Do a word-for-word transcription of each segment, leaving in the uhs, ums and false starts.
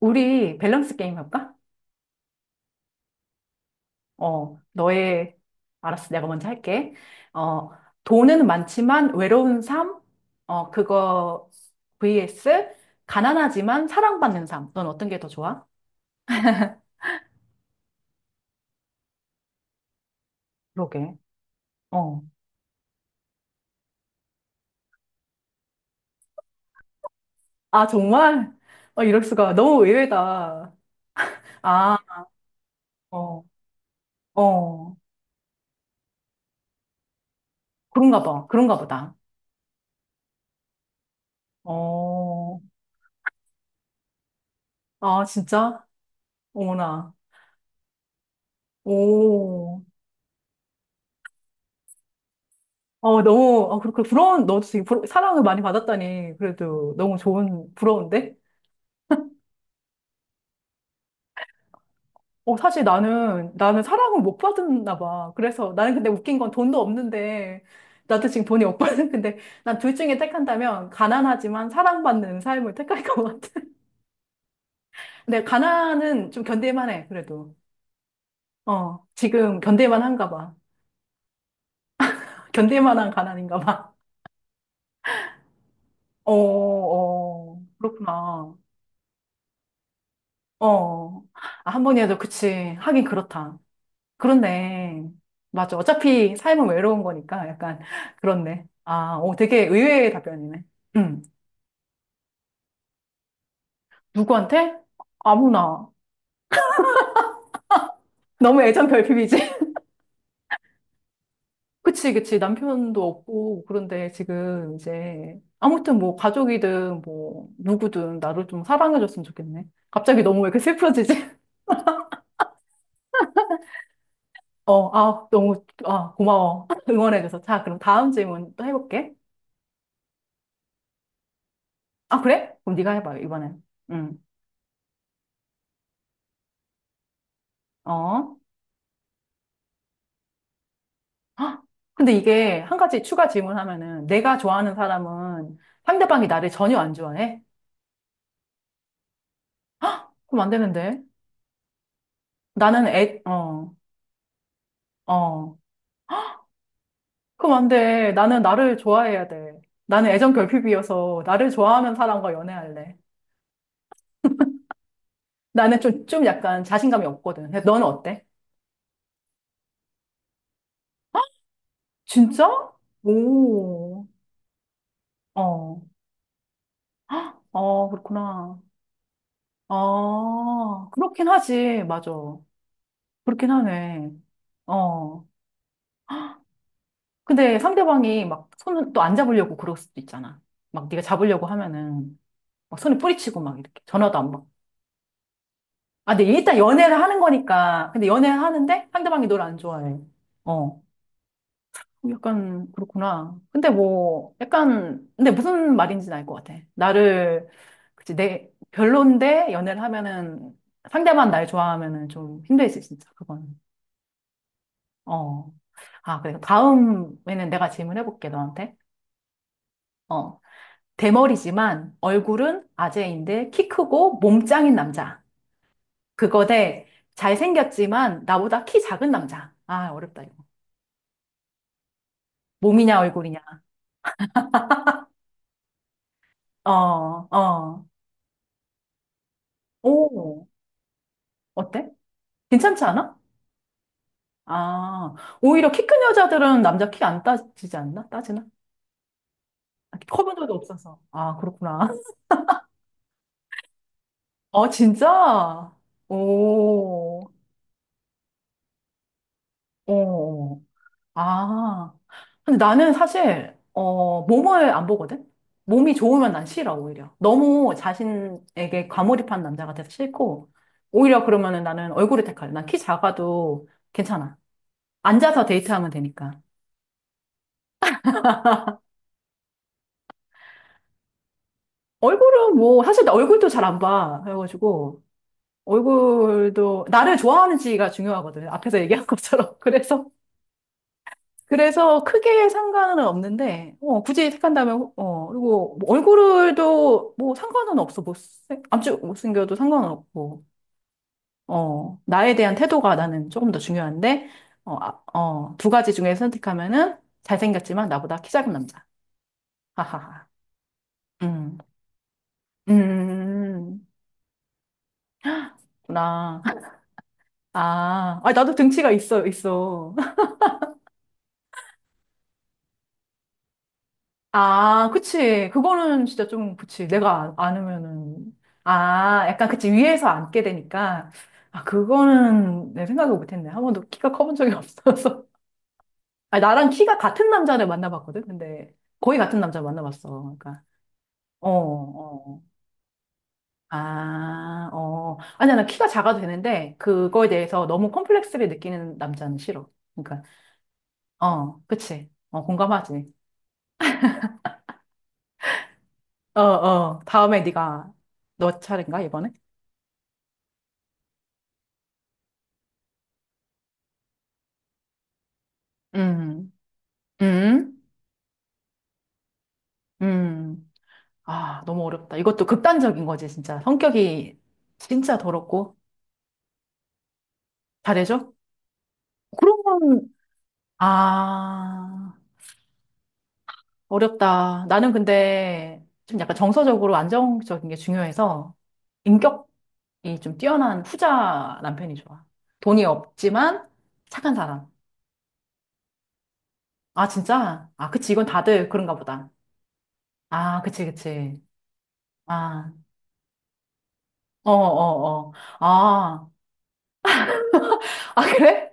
우리 밸런스 게임 할까? 어, 너의, 알았어, 내가 먼저 할게. 어, 돈은 많지만 외로운 삶? 어, 그거, vs, 가난하지만 사랑받는 삶. 넌 어떤 게 더 좋아? 그러게. 어. 아, 정말? 어, 이럴 수가. 너무 의외다. 아, 어, 어. 그런가 봐. 그런가 보다. 어. 아, 진짜? 어머나. 오. 어, 너무, 어, 그렇게 부러운, 너도 되게 부러, 사랑을 많이 받았다니. 그래도 너무 좋은, 부러운데? 어, 사실 나는, 나는 사랑을 못 받았나 봐. 그래서 나는 근데 웃긴 건 돈도 없는데, 나도 지금 돈이 없거든. 근데 난 둘 중에 택한다면, 가난하지만 사랑받는 삶을 택할 것 같아. 근데 가난은 좀 견딜만 해, 그래도. 어, 지금 견딜만 한가 봐. 견딜만한 가난인가 봐. 어, 어, 그렇구나. 어, 아, 한 번이라도, 그치. 하긴 그렇다. 그렇네. 맞아. 어차피 삶은 외로운 거니까 약간 그렇네. 아, 오, 되게 의외의 답변이네. 음. 누구한테? 아무나. 너무 애정 결핍이지? 그치, 그치. 남편도 없고, 그런데 지금 이제 아무튼 뭐 가족이든 뭐 누구든 나를 좀 사랑해줬으면 좋겠네. 갑자기 너무 왜 이렇게 슬퍼지지? 어, 아, 너무, 아, 고마워. 응원해줘서. 자, 그럼 다음 질문 또 해볼게. 아, 그래? 그럼 네가 해봐, 이번엔. 응. 어. 헉! 근데 이게 한 가지 추가 질문하면은 내가 좋아하는 사람은 상대방이 나를 전혀 안 좋아해? 그럼 안 되는데. 나는 애, 어, 어. 그럼 안 돼. 나는 나를 좋아해야 돼. 나는 애정 결핍이어서 나를 좋아하는 사람과 연애할래. 나는 좀, 좀 약간 자신감이 없거든. 근데 너는 어때? 진짜? 오, 어, 어, 그렇구나. 어, 그렇긴 하지. 맞아. 그렇긴 하네. 어. 근데 상대방이 막 손을 또 안 잡으려고 그럴 수도 있잖아. 막 네가 잡으려고 하면은 막 손을 뿌리치고 막 이렇게 전화도 안 받고. 아, 근데 일단 연애를 하는 거니까. 근데 연애를 하는데 상대방이 널 안 좋아해. 어. 약간 그렇구나. 근데 뭐 약간 근데 무슨 말인지는 알 것 같아. 나를 그치 내 별론데 연애를 하면은 상대만 날 좋아하면은 좀 힘들지 진짜 그거는. 어. 아, 그래. 다음에는 내가 질문해 볼게 너한테. 어. 대머리지만 얼굴은 아재인데 키 크고 몸 짱인 남자. 그거 대 잘생겼지만 나보다 키 작은 남자. 아, 어렵다, 이거. 몸이냐, 얼굴이냐. 어, 어. 오, 어때? 괜찮지 않아? 아, 오히려 키 큰 여자들은 남자 키 안 따지지 않나? 따지나? 아, 커본 적도 없어서. 아, 그렇구나. 어, 진짜? 오, 오. 아. 근데 나는 사실, 어, 몸을 안 보거든? 몸이 좋으면 난 싫어, 오히려. 너무 자신에게 과몰입한 남자가 돼서 싫고, 오히려 그러면은 나는 얼굴을 택할래. 난 키 작아도 괜찮아. 앉아서 데이트하면 되니까. 얼굴은 뭐, 사실 나 얼굴도 잘 안 봐. 그래가지고, 얼굴도, 나를 좋아하는지가 중요하거든. 앞에서 얘기한 것처럼. 그래서 그래서 크게 상관은 없는데, 어, 굳이 택한다면, 어, 그리고 뭐 얼굴도 뭐 상관은 없어. 못생, 아주 못생겨도 상관은 없고, 어, 나에 대한 태도가 나는 조금 더 중요한데, 어, 아, 어, 두 가지 중에 선택하면은 잘생겼지만 나보다 키 작은 남자. 하하하. 음, 음, 음, 음, 음. 구나. 아, 아, 나도 등치가 있어, 있어. 아, 그치. 그거는 진짜 좀, 그치. 내가 안, 안으면은. 아, 약간 그치. 위에서 앉게 되니까. 아, 그거는 내 생각을 못했네. 한 번도 키가 커본 적이 없어서. 아, 나랑 키가 같은 남자를 만나봤거든? 근데 거의 같은 남자 만나봤어. 그러니까. 어, 어. 아, 어. 아니야, 나 키가 작아도 되는데, 그거에 대해서 너무 콤플렉스를 느끼는 남자는 싫어. 그러니까, 어, 그치. 어, 공감하지. 어, 어. 다음에 네가 너 차례인가, 이번에? 음. 음, 음. 아, 너무 어렵다. 이것도 극단적인 거지, 진짜. 성격이 진짜 더럽고. 잘해줘? 그런 건, 아, 어렵다. 나는 근데 좀 약간 정서적으로 안정적인 게 중요해서 인격이 좀 뛰어난 후자 남편이 좋아. 돈이 없지만 착한 사람. 아, 진짜? 아, 그치. 이건 다들 그런가 보다. 아, 그치, 그치. 아, 어, 어, 어. 아, 아, 그래?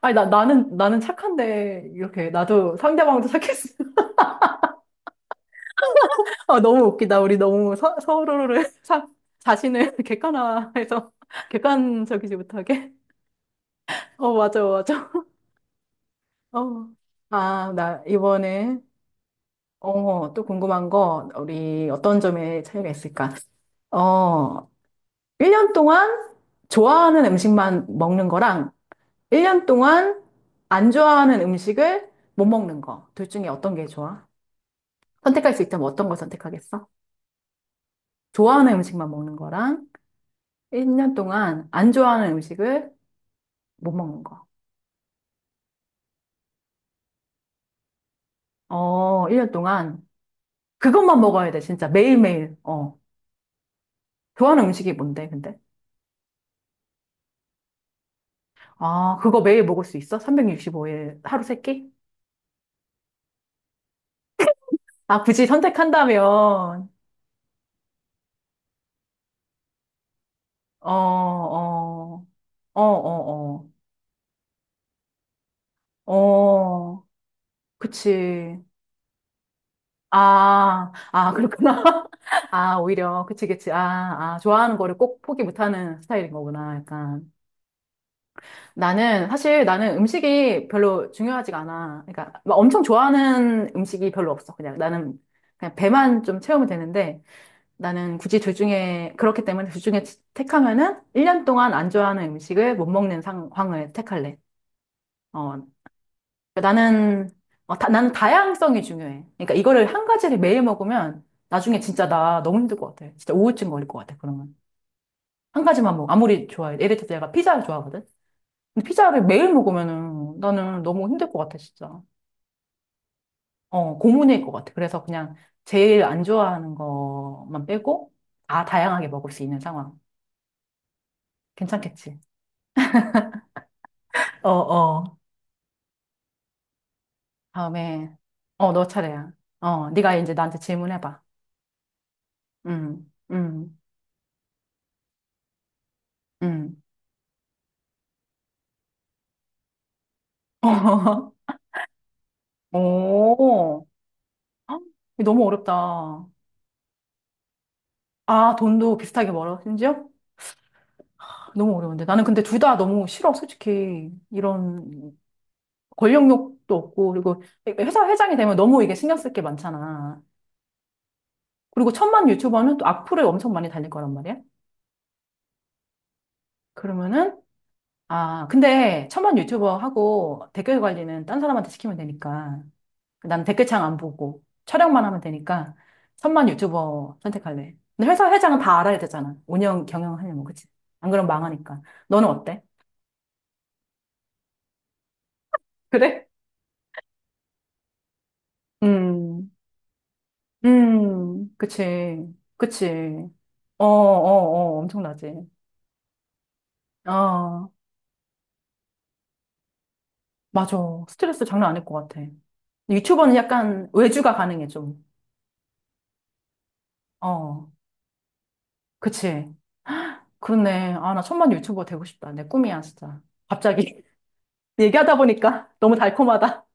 아니, 나, 나는, 나는 착한데, 이렇게, 나도 상대방도 착했어. 아, 너무 웃기다. 우리 너무 서, 서로를, 사, 자신을 객관화해서, 객관적이지 못하게. 어, 맞아, 맞아. 어. 아, 나, 이번에, 어, 또 궁금한 거, 우리 어떤 점에 차이가 있을까? 어, 일 년 동안 좋아하는 음식만 먹는 거랑, 일 년 동안 안 좋아하는 음식을 못 먹는 거. 둘 중에 어떤 게 좋아? 선택할 수 있다면 어떤 걸 선택하겠어? 좋아하는 음식만 먹는 거랑 일 년 동안 안 좋아하는 음식을 못 먹는 거. 어, 일 년 동안 그것만 먹어야 돼, 진짜. 매일매일. 어. 좋아하는 음식이 뭔데, 근데? 아, 그거 매일 먹을 수 있어? 삼백육십오 일 하루 세 끼? 아, 굳이 선택한다면, 어, 어, 어, 어, 어, 어, 그치. 아, 아, 그렇구나. 아, 오히려, 그치, 그치. 아, 아, 좋아하는 거를 꼭 포기 못하는 스타일인 거구나, 약간. 나는 사실 나는 음식이 별로 중요하지가 않아. 그러니까 막 엄청 좋아하는 음식이 별로 없어. 그냥 나는 그냥 배만 좀 채우면 되는데 나는 굳이 둘 중에 그렇기 때문에 둘 중에 택하면은 일 년 동안 안 좋아하는 음식을 못 먹는 상황을 택할래. 어. 그러니까 나는 어, 다, 나는 다양성이 중요해. 그러니까 이거를 한 가지를 매일 먹으면 나중에 진짜 나 너무 힘들 것 같아. 진짜 우울증 걸릴 것 같아. 그러면 한 가지만 먹어. 아무리 좋아해. 예를 들어서 내가 피자를 좋아하거든. 근데 피자를 매일 먹으면은 나는 너무 힘들 것 같아, 진짜. 어, 고문일 것 같아. 그래서 그냥 제일 안 좋아하는 것만 빼고 다 다양하게 먹을 수 있는 상황. 괜찮겠지? 어, 어. 다음에, 어, 너 차례야. 어, 네가 이제 나한테 질문해봐. 음, 음, 음. 오, 헉, 너무 어렵다. 아, 돈도 비슷하게 벌어, 심지어? 너무 어려운데. 나는 근데 둘 다 너무 싫어, 솔직히. 이런 권력욕도 없고, 그리고 회사 회장이 되면 너무 이게 신경 쓸 게 많잖아. 그리고 천만 유튜버는 또 악플을 엄청 많이 달릴 거란 말이야. 그러면은, 아, 근데 천만 유튜버하고 댓글 관리는 딴 사람한테 시키면 되니까. 난 댓글창 안 보고 촬영만 하면 되니까 천만 유튜버 선택할래. 근데 회사 회장은 다 알아야 되잖아. 운영, 경영하려면, 그치? 안 그러면 망하니까. 너는 어때? 그래? 음, 음, 그치, 그치. 어, 어, 어, 엄청나지. 아, 맞아. 스트레스 장난 아닐 것 같아. 유튜버는 약간 외주가 가능해, 좀. 어, 그치. 그렇네. 아, 나 천만 유튜버 되고 싶다. 내 꿈이야, 진짜. 갑자기. 얘기하다 보니까 너무 달콤하다.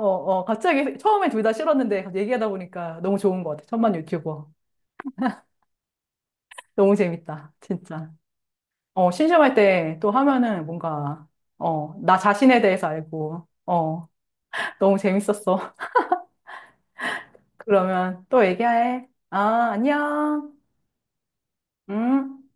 어, 어, 갑자기 처음에 둘 다 싫었는데 갑자기 얘기하다 보니까 너무 좋은 것 같아. 천만 유튜버. 너무 재밌다. 진짜. 어, 심심할 때 또 하면은 뭔가, 어, 나 자신에 대해서 알고, 어, 너무 재밌었어. 그러면 또 얘기해. 아, 안녕. 음.